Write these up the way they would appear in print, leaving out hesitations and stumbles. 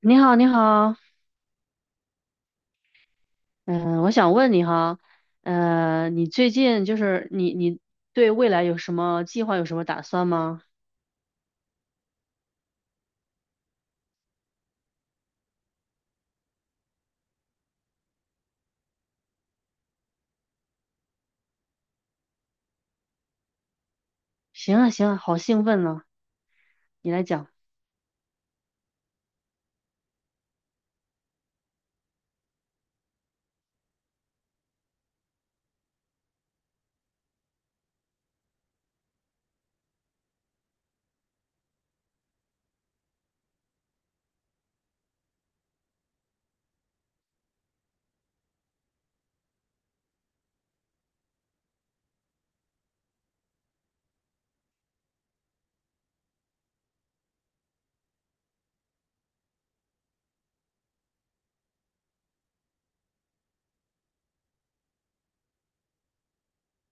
你好，你好，嗯，我想问你哈，你最近就是你对未来有什么计划，有什么打算吗？行啊，行啊，好兴奋呢，你来讲。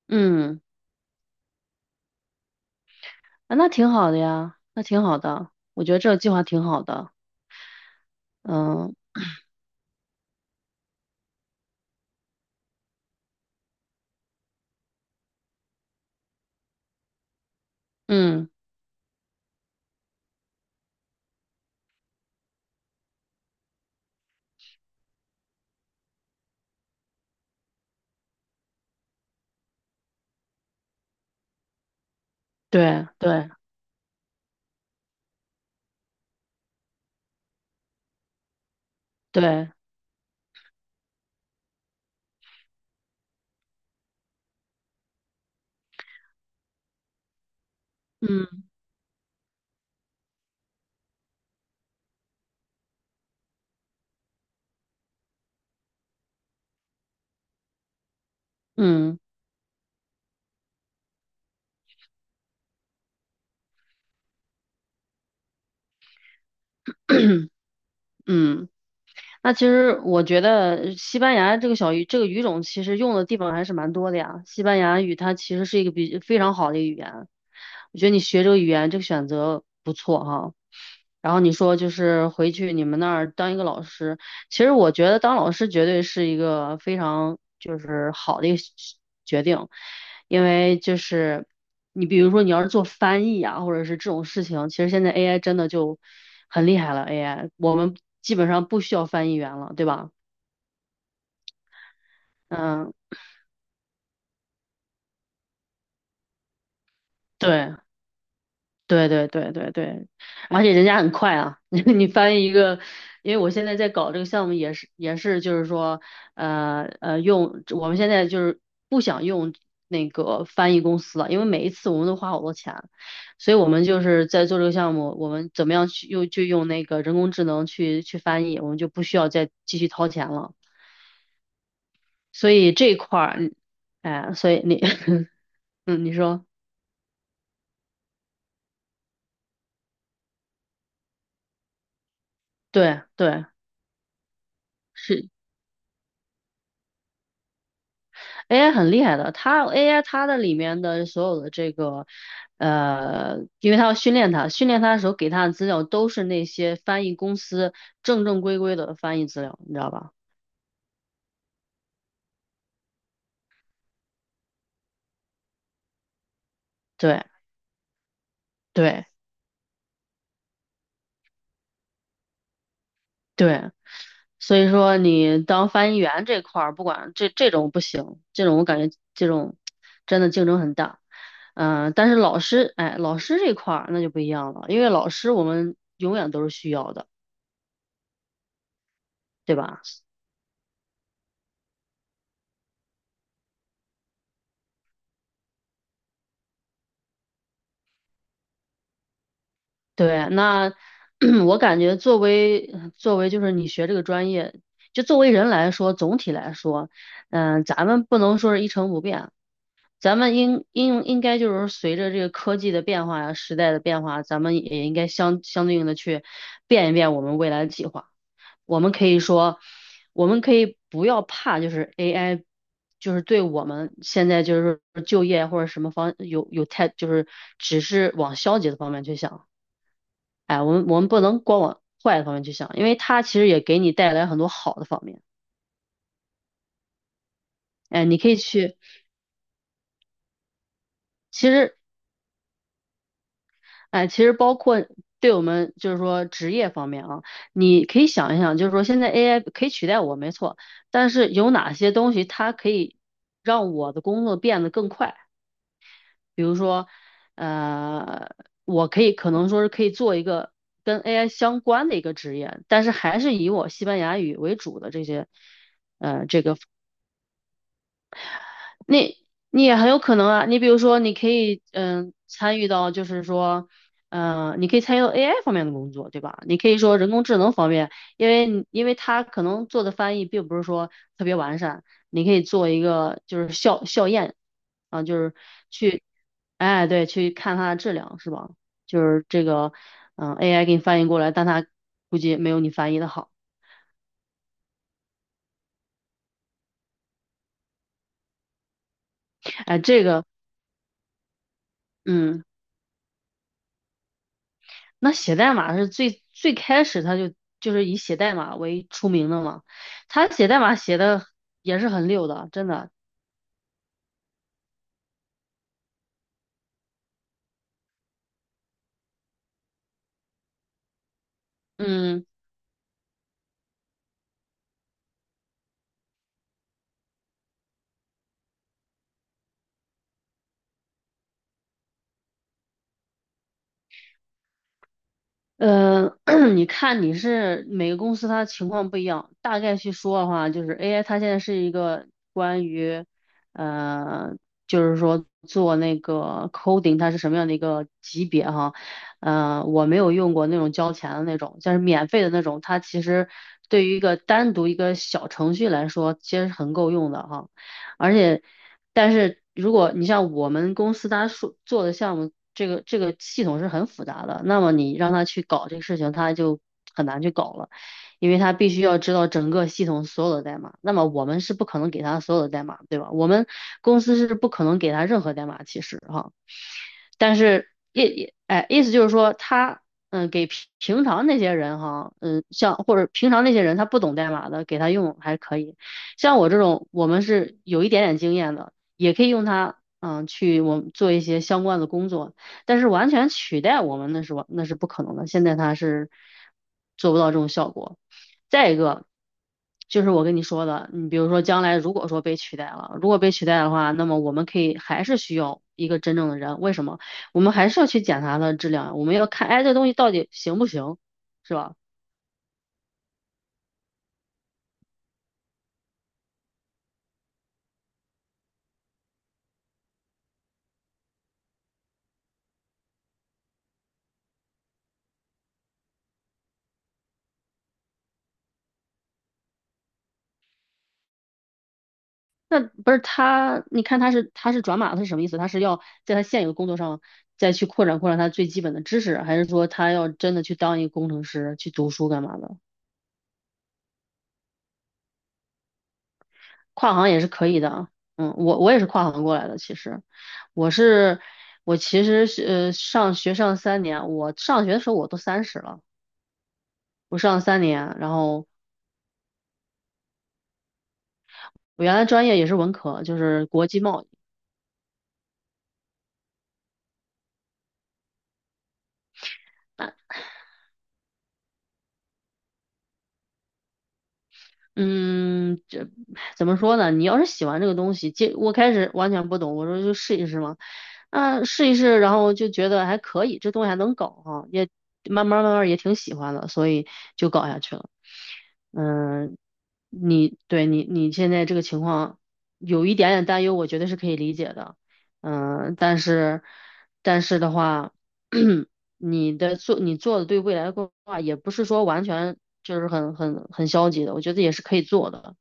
嗯，啊，那挺好的呀，那挺好的，我觉得这个计划挺好的。嗯嗯，对对对，嗯嗯嗯，那其实我觉得西班牙这个这个语种其实用的地方还是蛮多的呀。西班牙语它其实是一个非常好的语言，我觉得你学这个语言这个选择不错哈、然后你说就是回去你们那儿当一个老师，其实我觉得当老师绝对是一个非常就是好的一个决定，因为就是你比如说你要是做翻译啊，或者是这种事情，其实现在 AI 真的就很厉害了，AI 我们基本上不需要翻译员了，对吧？嗯，对。对对对对对，而且人家很快啊，你翻译一个，因为我现在在搞这个项目，也是就是说，用我们现在就是不想用那个翻译公司了，因为每一次我们都花好多钱，所以我们就是在做这个项目，我们怎么样去用就用那个人工智能去翻译，我们就不需要再继续掏钱了，所以这一块儿，哎，所以你，嗯，你说，对对。是。AI 很厉害的，它 AI 它的里面的所有的这个，因为它要训练它，训练它的时候给它的资料都是那些翻译公司正正规规的翻译资料，你知道吧？对对对，所以说你当翻译员这块儿，不管这种不行，这种我感觉这种真的竞争很大。嗯、但是老师，哎，老师这块儿那就不一样了，因为老师我们永远都是需要的，对吧？对，那 我感觉作为就是你学这个专业，就作为人来说，总体来说，嗯、咱们不能说是一成不变，咱们应该就是随着这个科技的变化呀、时代的变化，咱们也应该相对应的去变一变我们未来的计划。我们可以说，我们可以不要怕，就是 AI，就是对我们现在就是就业或者什么方有太就是只是往消极的方面去想。哎，我们不能光往坏的方面去想，因为它其实也给你带来很多好的方面。哎，你可以去，其实，哎，其实包括对我们就是说职业方面啊，你可以想一想，就是说现在 AI 可以取代我，没错，但是有哪些东西它可以让我的工作变得更快？比如说，呃，我可以可能说是可以做一个跟 AI 相关的一个职业，但是还是以我西班牙语为主的这些。那你也很有可能啊，你比如说，你可以参与到，就是说，嗯，你可以参与到 AI 方面的工作，对吧？你可以说人工智能方面，因为你因为它可能做的翻译并不是说特别完善，你可以做一个就是校验啊，就是去，哎，对，去看它的质量是吧？就是这个，嗯，AI 给你翻译过来，但它估计没有你翻译的好，哎，这个。嗯。那写代码是最最开始他就是以写代码为出名的嘛，他写代码写的也是很溜的，真的。嗯，呃，你看你是每个公司它情况不一样，大概去说的话，就是 AI 它现在是一个关于，呃，就是说做那个 coding 它是什么样的一个级别哈，我没有用过那种交钱的那种，就是免费的那种，它其实对于一个单独一个小程序来说，其实是很够用的哈。而且，但是如果你像我们公司他说做的项目，这个系统是很复杂的，那么你让他去搞这个事情，他就很难去搞了，因为他必须要知道整个系统所有的代码。那么我们是不可能给他所有的代码，对吧？我们公司是不可能给他任何代码，其实哈。但是哎，意思就是说他嗯，给平常那些人哈，嗯，像或者平常那些人他不懂代码的，给他用还可以。像我这种，我们是有一点点经验的，也可以用它，嗯，去我们做一些相关的工作。但是完全取代我们那是那是不可能的，现在它是做不到这种效果。再一个，就是我跟你说的，你比如说将来如果说被取代了，如果被取代的话，那么我们可以还是需要一个真正的人。为什么？我们还是要去检查它的质量啊，我们要看，哎，这东西到底行不行，是吧？那不是他，你看他是转码，他是什么意思？他是要在他现有的工作上再去扩展扩展他最基本的知识，还是说他要真的去当一个工程师去读书干嘛的？跨行也是可以的啊，嗯，我也是跨行过来的，其实我是我其实是上学上三年，我上学的时候我都30了，我上三年，然后我原来专业也是文科，就是国际贸易。嗯，这怎么说呢？你要是喜欢这个东西，接我开始完全不懂，我说就试一试嘛。啊，试一试，然后就觉得还可以，这东西还能搞哈、也慢慢慢慢也挺喜欢的，所以就搞下去了。嗯，你对你现在这个情况有一点点担忧，我觉得是可以理解的。嗯，但是的话，你做的对未来的规划也不是说完全就是很消极的，我觉得也是可以做的。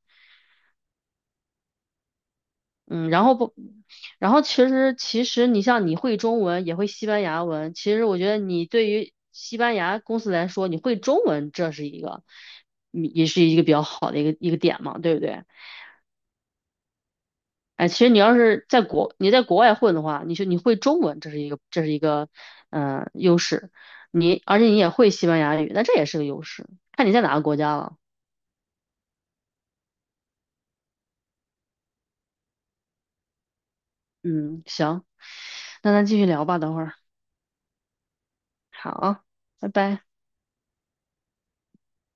嗯，然后不，然后其实你像你会中文也会西班牙文，其实我觉得你对于西班牙公司来说，你会中文这是一个，嗯也是一个比较好的一个点嘛，对不对？哎，其实你要是你在国外混的话，你会中文，这是一个优势。你而且你也会西班牙语，那这也是个优势。看你在哪个国家了。嗯，行，那咱继续聊吧，等会儿。好，拜拜。